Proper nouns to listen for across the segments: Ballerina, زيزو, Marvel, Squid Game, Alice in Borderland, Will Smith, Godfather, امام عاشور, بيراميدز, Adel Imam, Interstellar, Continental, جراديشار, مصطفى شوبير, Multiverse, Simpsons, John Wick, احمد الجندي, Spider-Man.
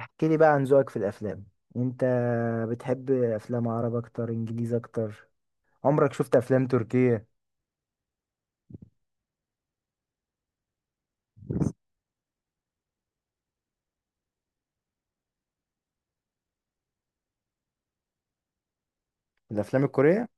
احكي لي بقى عن ذوقك في الافلام، انت بتحب افلام عرب اكتر انجليزي اكتر؟ عمرك شفت افلام تركية؟ الافلام الكورية؟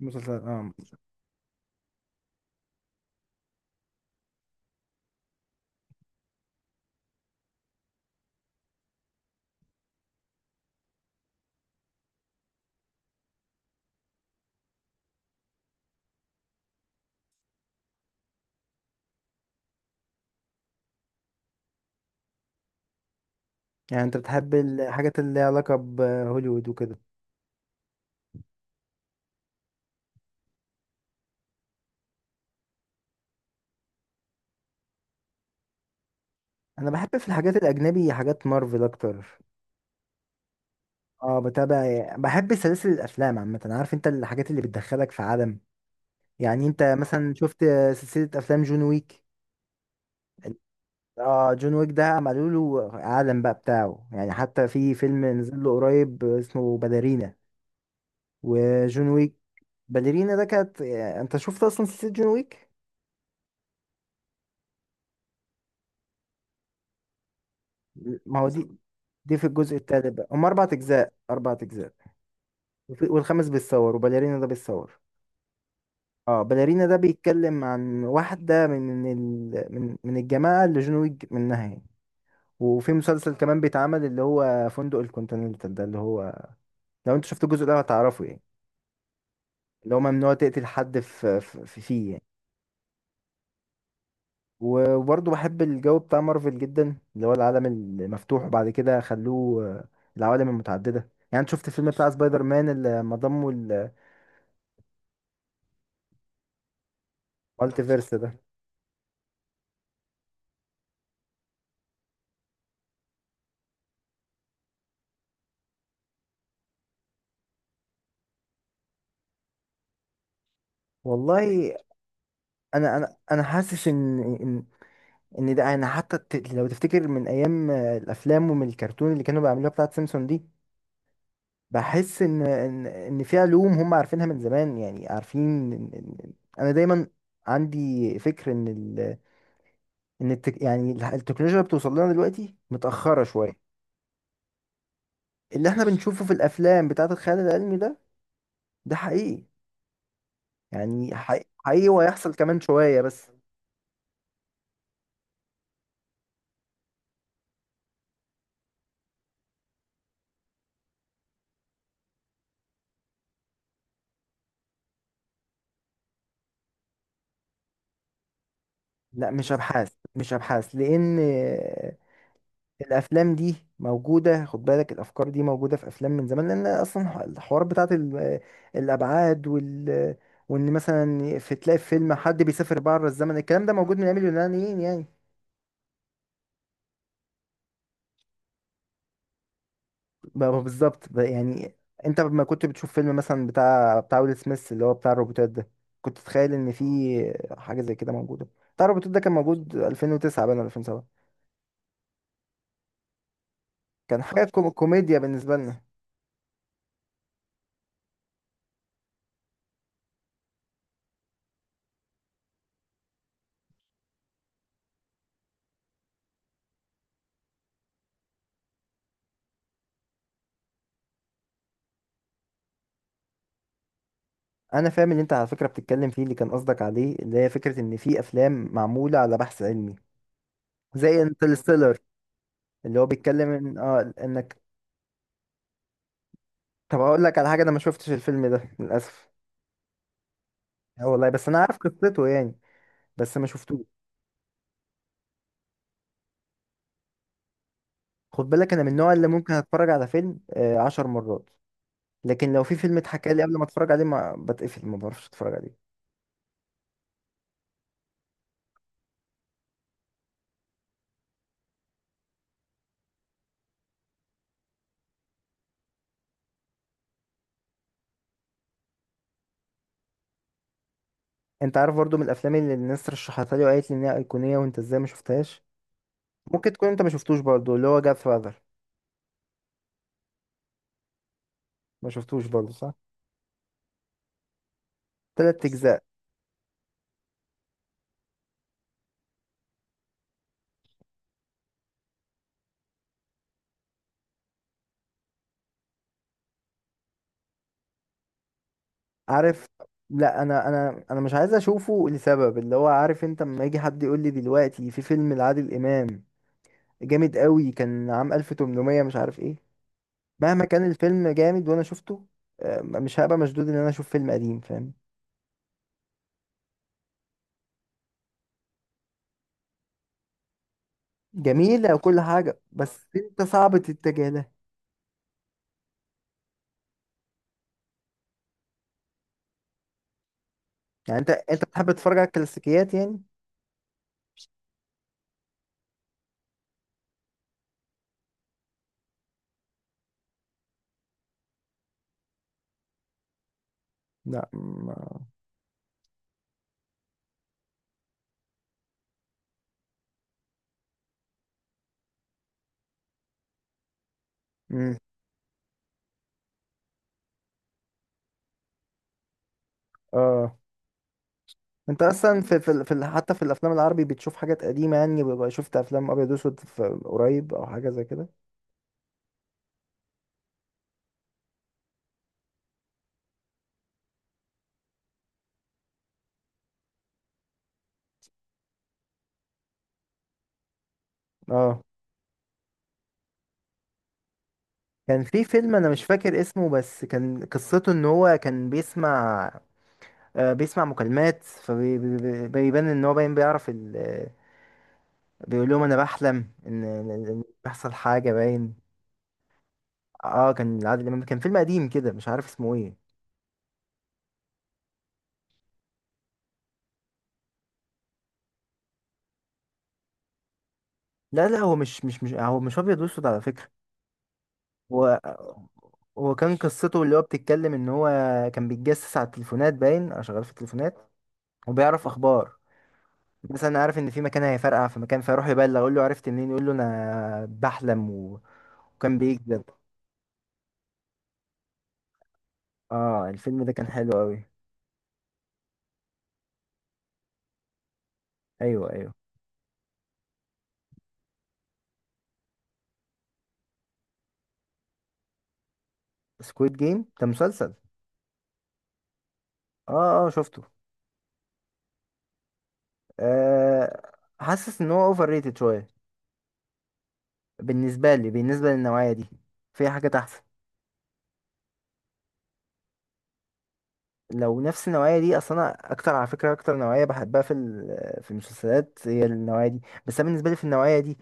مسلسلات، اه. يعني انت بتحب الحاجات اللي ليها علاقة بهوليوود وكده؟ انا بحب في الحاجات الاجنبي حاجات مارفل اكتر. اه بتابع يعني، بحب سلاسل الافلام عامة، عارف انت الحاجات اللي بتدخلك في عالم. يعني انت مثلا شفت سلسلة افلام جون ويك؟ اه جون ويك ده عملوا له عالم بقى بتاعه، يعني حتى في فيلم نزل له قريب اسمه باليرينا. وجون ويك، باليرينا ده كانت، يعني انت شفت اصلا سلسلة جون ويك؟ ما هو دي، في الجزء التالت بقى. هم اربع اجزاء، اربع اجزاء. والخامس بيتصور، وباليرينا ده بيتصور. اه باليرينا ده بيتكلم عن واحدة من من الجماعة اللي جون ويك منها يعني. وفي مسلسل كمان بيتعمل اللي هو فندق الكونتيننتال ده، اللي هو لو انت شفت الجزء ده هتعرفه يعني. اللي هو ممنوع تقتل حد في فيه يعني. وبرضه بحب الجو بتاع مارفل جدا، اللي هو العالم المفتوح، وبعد كده خلوه العوالم المتعددة. يعني انت شفت الفيلم بتاع سبايدر مان اللي ما ضموا المالتيفيرس ده؟ والله انا حاسس ان ده انا حتى لو تفتكر من ايام الافلام، ومن الكرتون اللي كانوا بيعملوها بتاعت سيمسون دي، بحس ان في علوم هم عارفينها من زمان، يعني عارفين. إن- إن- انا دايما عندي فكر ان يعني التكنولوجيا اللي بتوصل لنا دلوقتي متأخرة شوية. اللي احنا بنشوفه في الافلام بتاعت الخيال العلمي ده، ده حقيقي. يعني حقيقي، حقيقي، وهيحصل كمان شوية بس. لا مش ابحاث، مش ابحاث، لان الافلام دي موجودة. خد بالك الافكار دي موجودة في افلام من زمان، لان اصلا الحوار بتاعت الابعاد وال، وان مثلا في، تلاقي في فيلم حد بيسافر بره الزمن. الكلام ده موجود من ايام اليونانيين يعني. ما ما بالظبط يعني انت لما كنت بتشوف فيلم مثلا بتاع ويل سميث اللي هو بتاع الروبوتات ده، كنت تتخيل ان في حاجه زي كده موجوده؟ بتاع الروبوتات ده كان موجود 2009 بقى ولا 2007. كان حاجه كوميديا بالنسبه لنا. انا فاهم اللي انت على فكره بتتكلم فيه، اللي كان قصدك عليه، اللي هي فكره ان في افلام معموله على بحث علمي زي انترستيلر، اللي هو بيتكلم ان اه انك. طب هقول لك على حاجه، انا ما شفتش الفيلم ده للاسف. اه والله، بس انا عارف قصته يعني، بس ما شفتوش. خد بالك انا من النوع اللي ممكن اتفرج على فيلم عشر مرات، لكن لو في فيلم اتحكى لي قبل ما اتفرج عليه ما بتقفل ما بعرفش اتفرج عليه. انت عارف برضو من الافلام اللي الناس رشحتها لي وقالت لي انها ايقونيه وانت ازاي ما شفتهاش؟ ممكن تكون انت ما شفتوش برضو، اللي هو جاد فاذر. ما شفتوش برضو صح؟ تلات اجزاء. عارف، لا انا مش عايز اشوفه لسبب، اللي هو، عارف انت لما يجي حد يقول لي دلوقتي في فيلم لعادل امام جامد قوي كان عام 1800 مش عارف ايه، مهما كان الفيلم جامد وانا شفته مش هبقى مشدود ان انا اشوف فيلم قديم، فاهم؟ جميل وكل حاجه، بس انت صعب تتجه له. يعني انت بتحب تتفرج على الكلاسيكيات يعني؟ لا مم. اه انت اصلا في حتى في الافلام العربي بتشوف حاجات قديمه يعني، بيبقى شفت افلام ابيض واسود في قريب او حاجه زي كده؟ اه. كان في فيلم انا مش فاكر اسمه بس كان قصته ان هو كان بيسمع بيسمع مكالمات، فبيبان ان هو باين بيعرف. بيقول لهم انا بحلم ان إن- إن بيحصل حاجه باين. اه كان عادل امام، كان فيلم قديم كده، مش عارف اسمه ايه. لا لا، هو مش هو مش ابيض واسود على فكره. هو هو كان قصته اللي هو بتتكلم ان هو كان بيتجسس على التليفونات باين، او شغال في التليفونات. وبيعرف اخبار، مثلا عارف ان في مكان هيفرقع في مكان، فيروح يبلغ يقول له عرفت منين، يقول له انا بحلم وكان بيكذب. اه الفيلم ده كان حلو قوي. ايوه ايوه. سكويد جيم ده مسلسل. اه اه شفته. أه. حاسس ان هو اوفر ريتد شويه، بالنسبه لي بالنسبه للنوعيه دي في حاجات احسن. لو نفس النوعيه دي، اصلا انا اكتر على فكره اكتر نوعيه بحبها في في المسلسلات هي النوعيه دي. بس انا بالنسبه لي في النوعيه دي،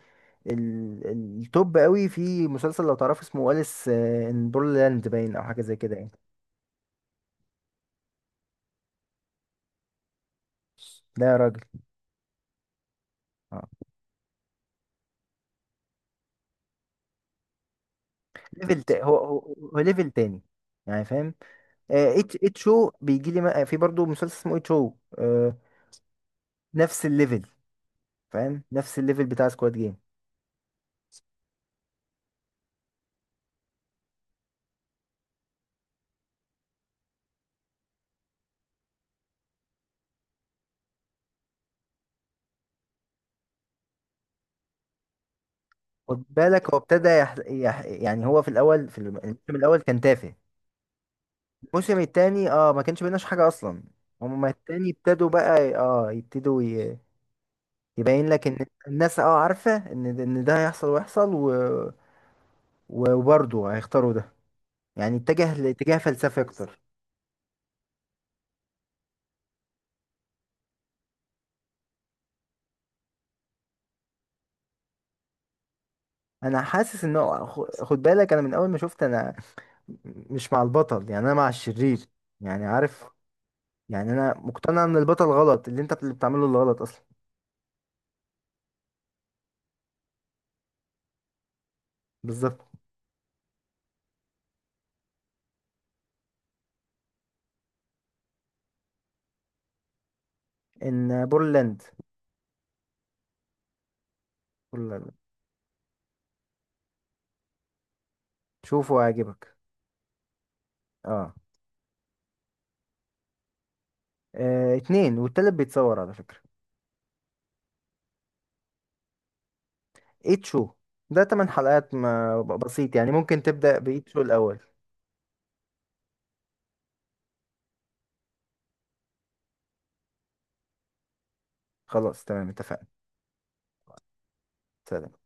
التوب قوي في مسلسل لو تعرف اسمه أليس ان بورلاند، باين او حاجه زي كده يعني. لا يا راجل! اه ليفل تا- هو هو هو ليفل تاني، يعني فاهم؟ اتش او بيجي لي في برضه مسلسل اسمه اتش او، نفس الليفل. فاهم نفس الليفل بتاع سكواد جيم؟ خد بالك هو ابتدى يعني هو في الاول في الموسم الاول كان تافه. الموسم التاني اه ما كانش بيناش حاجه اصلا. هما التاني ابتدوا بقى، اه يبتدوا يبين لك ان الناس اه عارفه ان ده هيحصل ويحصل وبرضه هيختاروا ده. يعني اتجه لاتجاه فلسفي اكتر. انا حاسس ان خد بالك انا من اول ما شفت، انا مش مع البطل يعني، انا مع الشرير يعني عارف. يعني انا مقتنع ان البطل غلط، اللي انت بتعمله اللي غلط اصلا. بالظبط. ان بورلاند. بورلاند. شوفه هيعجبك. اه. اتنين، والتالت بيتصور على فكرة. ايت شو. ده تمن حلقات، ما ب- بسيط يعني، ممكن تبدأ بإيت شو الأول. خلاص تمام اتفقنا. سلام.